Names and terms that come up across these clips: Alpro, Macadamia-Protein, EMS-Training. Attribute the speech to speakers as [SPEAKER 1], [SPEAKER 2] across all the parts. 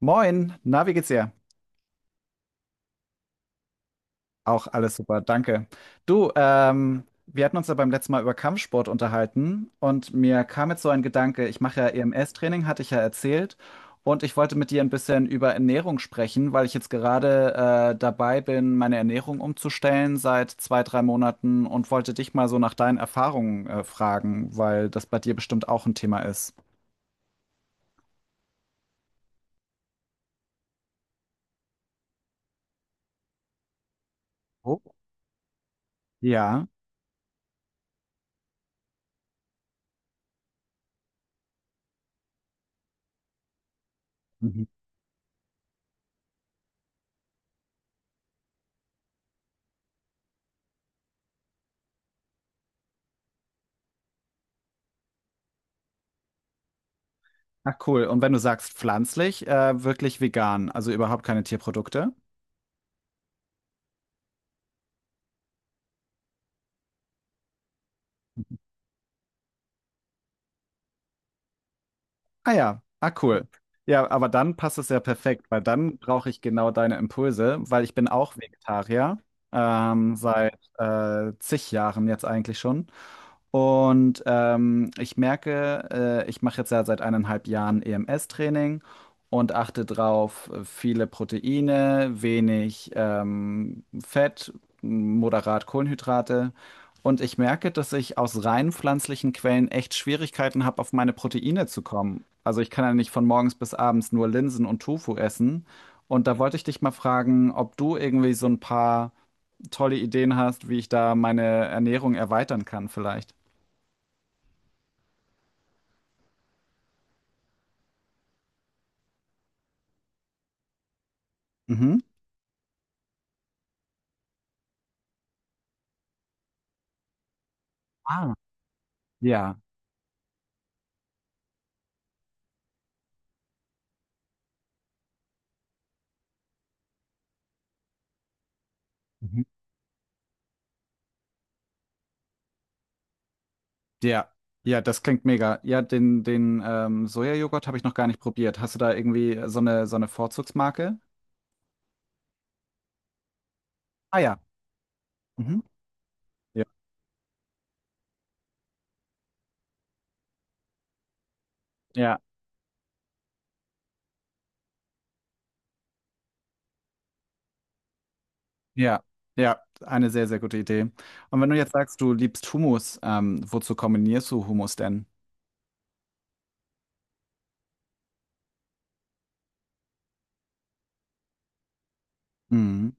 [SPEAKER 1] Moin, na, wie geht's dir? Auch alles super, danke. Du, wir hatten uns ja beim letzten Mal über Kampfsport unterhalten und mir kam jetzt so ein Gedanke, ich mache ja EMS-Training, hatte ich ja erzählt, und ich wollte mit dir ein bisschen über Ernährung sprechen, weil ich jetzt gerade dabei bin, meine Ernährung umzustellen seit zwei, drei Monaten und wollte dich mal so nach deinen Erfahrungen fragen, weil das bei dir bestimmt auch ein Thema ist. Oh, ja. Ach cool. Und wenn du sagst pflanzlich, wirklich vegan, also überhaupt keine Tierprodukte? Ah ja, ah cool. Ja, aber dann passt es ja perfekt, weil dann brauche ich genau deine Impulse, weil ich bin auch Vegetarier, seit zig Jahren jetzt eigentlich schon. Und ich merke, ich mache jetzt ja seit eineinhalb Jahren EMS-Training und achte drauf, viele Proteine, wenig Fett, moderat Kohlenhydrate. Und ich merke, dass ich aus rein pflanzlichen Quellen echt Schwierigkeiten habe, auf meine Proteine zu kommen. Also ich kann ja nicht von morgens bis abends nur Linsen und Tofu essen. Und da wollte ich dich mal fragen, ob du irgendwie so ein paar tolle Ideen hast, wie ich da meine Ernährung erweitern kann vielleicht. Mhm. Ah, ja. Mhm. Ja. Ja, das klingt mega. Ja, den Sojajoghurt habe ich noch gar nicht probiert. Hast du da irgendwie so eine Vorzugsmarke? Ah ja. Mhm. Ja. Ja. Ja. Ja, eine sehr, sehr gute Idee. Und wenn du jetzt sagst, du liebst Hummus, wozu kombinierst du Hummus denn? Mhm.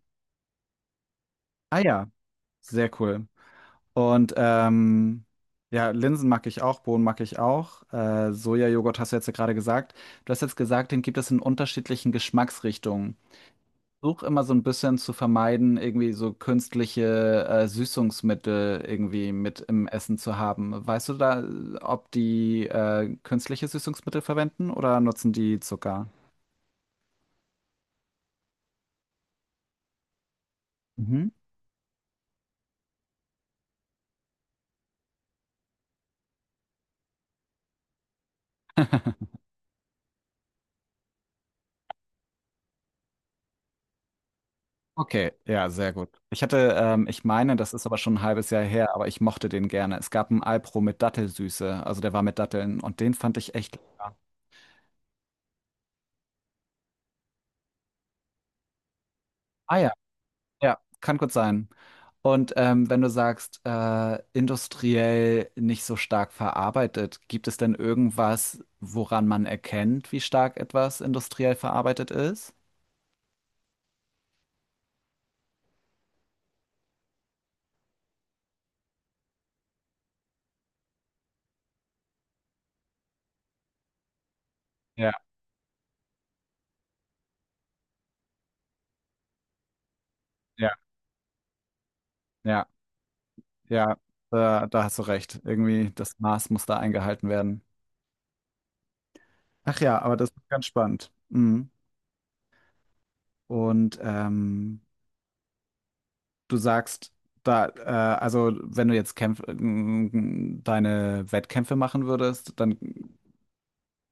[SPEAKER 1] Ah ja, sehr cool. Und ja, Linsen mag ich auch, Bohnen mag ich auch. Sojajoghurt hast du jetzt ja gerade gesagt. Du hast jetzt gesagt, den gibt es in unterschiedlichen Geschmacksrichtungen. Versuche immer so ein bisschen zu vermeiden, irgendwie so künstliche Süßungsmittel irgendwie mit im Essen zu haben. Weißt du da, ob die künstliche Süßungsmittel verwenden oder nutzen die Zucker? Mhm. Okay, ja, sehr gut. Ich hatte, ich meine, das ist aber schon ein halbes Jahr her, aber ich mochte den gerne. Es gab einen Alpro mit Dattelsüße, also der war mit Datteln und den fand ich echt lecker. Ah ja, ja, kann gut sein. Und wenn du sagst, industriell nicht so stark verarbeitet, gibt es denn irgendwas, woran man erkennt, wie stark etwas industriell verarbeitet ist? Ja, ja, ja, ja, da hast du recht. Irgendwie das Maß muss da eingehalten werden. Ach ja, aber das ist ganz spannend. Mhm. Und du sagst, da, also wenn du jetzt deine Wettkämpfe machen würdest, dann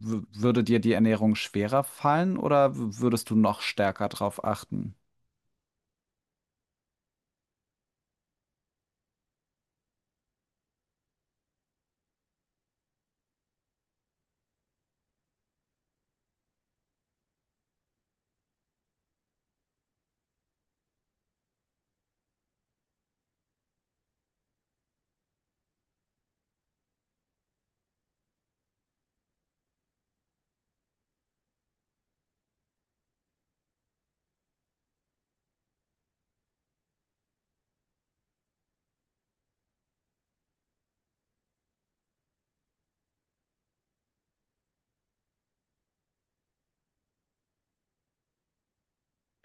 [SPEAKER 1] Würde dir die Ernährung schwerer fallen oder würdest du noch stärker drauf achten?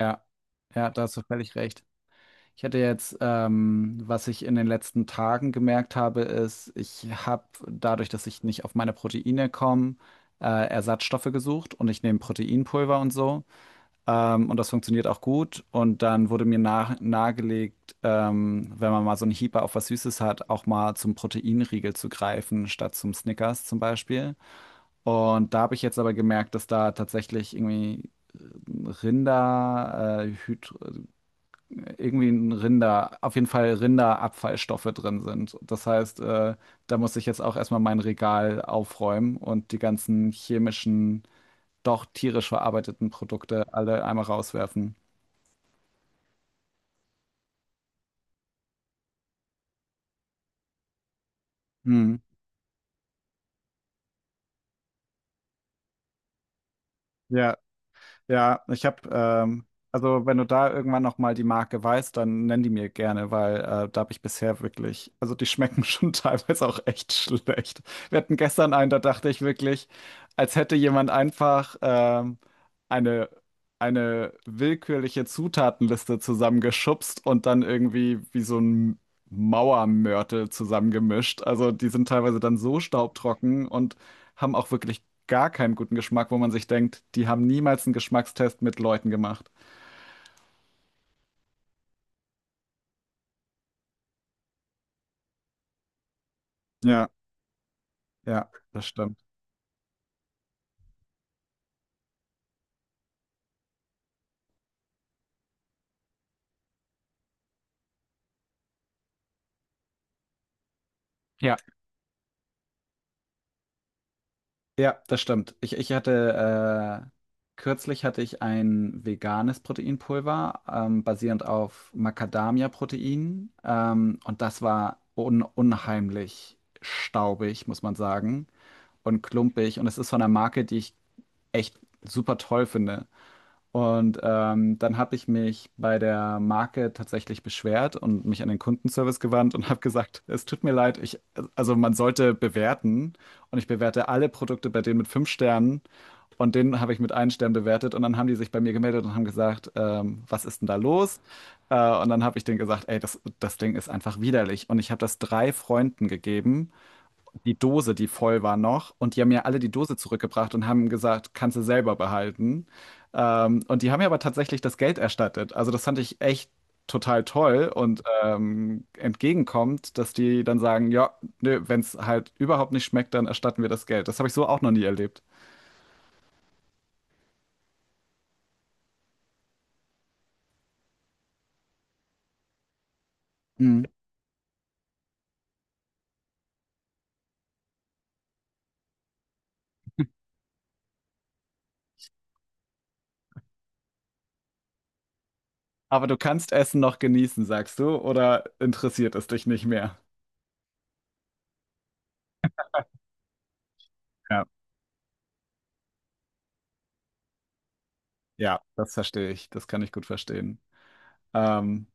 [SPEAKER 1] Ja, ja, da hast du völlig recht. Ich hatte jetzt, was ich in den letzten Tagen gemerkt habe, ist, ich habe dadurch, dass ich nicht auf meine Proteine komme, Ersatzstoffe gesucht und ich nehme Proteinpulver und so. Und das funktioniert auch gut. Und dann wurde mir nahegelegt, wenn man mal so einen Hieper auf was Süßes hat, auch mal zum Proteinriegel zu greifen, statt zum Snickers zum Beispiel. Und da habe ich jetzt aber gemerkt, dass da tatsächlich irgendwie Rinder, Hyd irgendwie ein Rinder, auf jeden Fall Rinderabfallstoffe drin sind. Das heißt, da muss ich jetzt auch erstmal mein Regal aufräumen und die ganzen chemischen, doch tierisch verarbeiteten Produkte alle einmal rauswerfen. Hm. Ja. Ja, ich habe, also wenn du da irgendwann noch mal die Marke weißt, dann nenn die mir gerne, weil da habe ich bisher wirklich, also die schmecken schon teilweise auch echt schlecht. Wir hatten gestern einen, da dachte ich wirklich, als hätte jemand einfach eine eine willkürliche Zutatenliste zusammengeschubst und dann irgendwie wie so ein Mauermörtel zusammengemischt. Also die sind teilweise dann so staubtrocken und haben auch wirklich gar keinen guten Geschmack, wo man sich denkt, die haben niemals einen Geschmackstest mit Leuten gemacht. Ja, ja, das stimmt. Ja, ja, das stimmt. Ich hatte, kürzlich hatte ich ein veganes Proteinpulver, basierend auf Macadamia-Protein. Und das war un unheimlich staubig, muss man sagen, und klumpig. Und es ist von einer Marke, die ich echt super toll finde. Und dann habe ich mich bei der Marke tatsächlich beschwert und mich an den Kundenservice gewandt und habe gesagt, es tut mir leid, ich, also man sollte bewerten und ich bewerte alle Produkte bei denen mit fünf Sternen und den habe ich mit einem Stern bewertet und dann haben die sich bei mir gemeldet und haben gesagt, was ist denn da los? Äh, und dann habe ich denen gesagt, ey, das Ding ist einfach widerlich und ich habe das drei Freunden gegeben, die Dose, die voll war noch. Und die haben mir alle die Dose zurückgebracht und haben gesagt, kannst du selber behalten. Und die haben mir aber tatsächlich das Geld erstattet. Also das fand ich echt total toll und entgegenkommt, dass die dann sagen, ja, nö, wenn es halt überhaupt nicht schmeckt, dann erstatten wir das Geld. Das habe ich so auch noch nie erlebt. Mhm. Aber du kannst Essen noch genießen, sagst du, oder interessiert es dich nicht mehr? Ja, ja, das verstehe ich. Das kann ich gut verstehen. Ähm,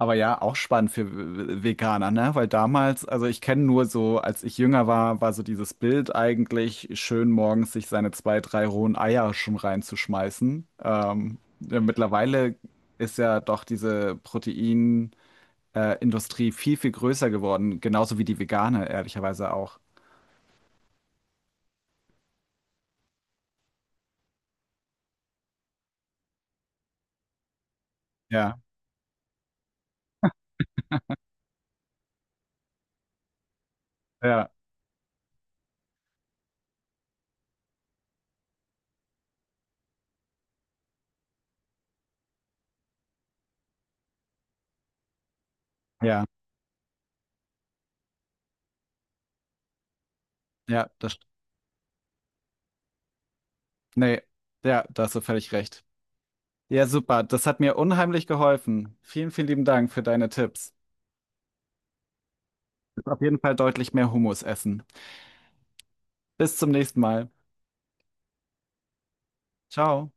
[SPEAKER 1] Aber ja, auch spannend für Veganer, ne? Weil damals, also ich kenne nur so, als ich jünger war, war so dieses Bild eigentlich, schön morgens sich seine zwei, drei rohen Eier schon reinzuschmeißen. Ja, mittlerweile ist ja doch diese Industrie viel, viel größer geworden, genauso wie die vegane, ehrlicherweise auch. Ja, ja, ja, ja, nee, ja, da hast du völlig recht. Ja, super, das hat mir unheimlich geholfen. Vielen, vielen lieben Dank für deine Tipps. Auf jeden Fall deutlich mehr Hummus essen. Bis zum nächsten Mal. Ciao.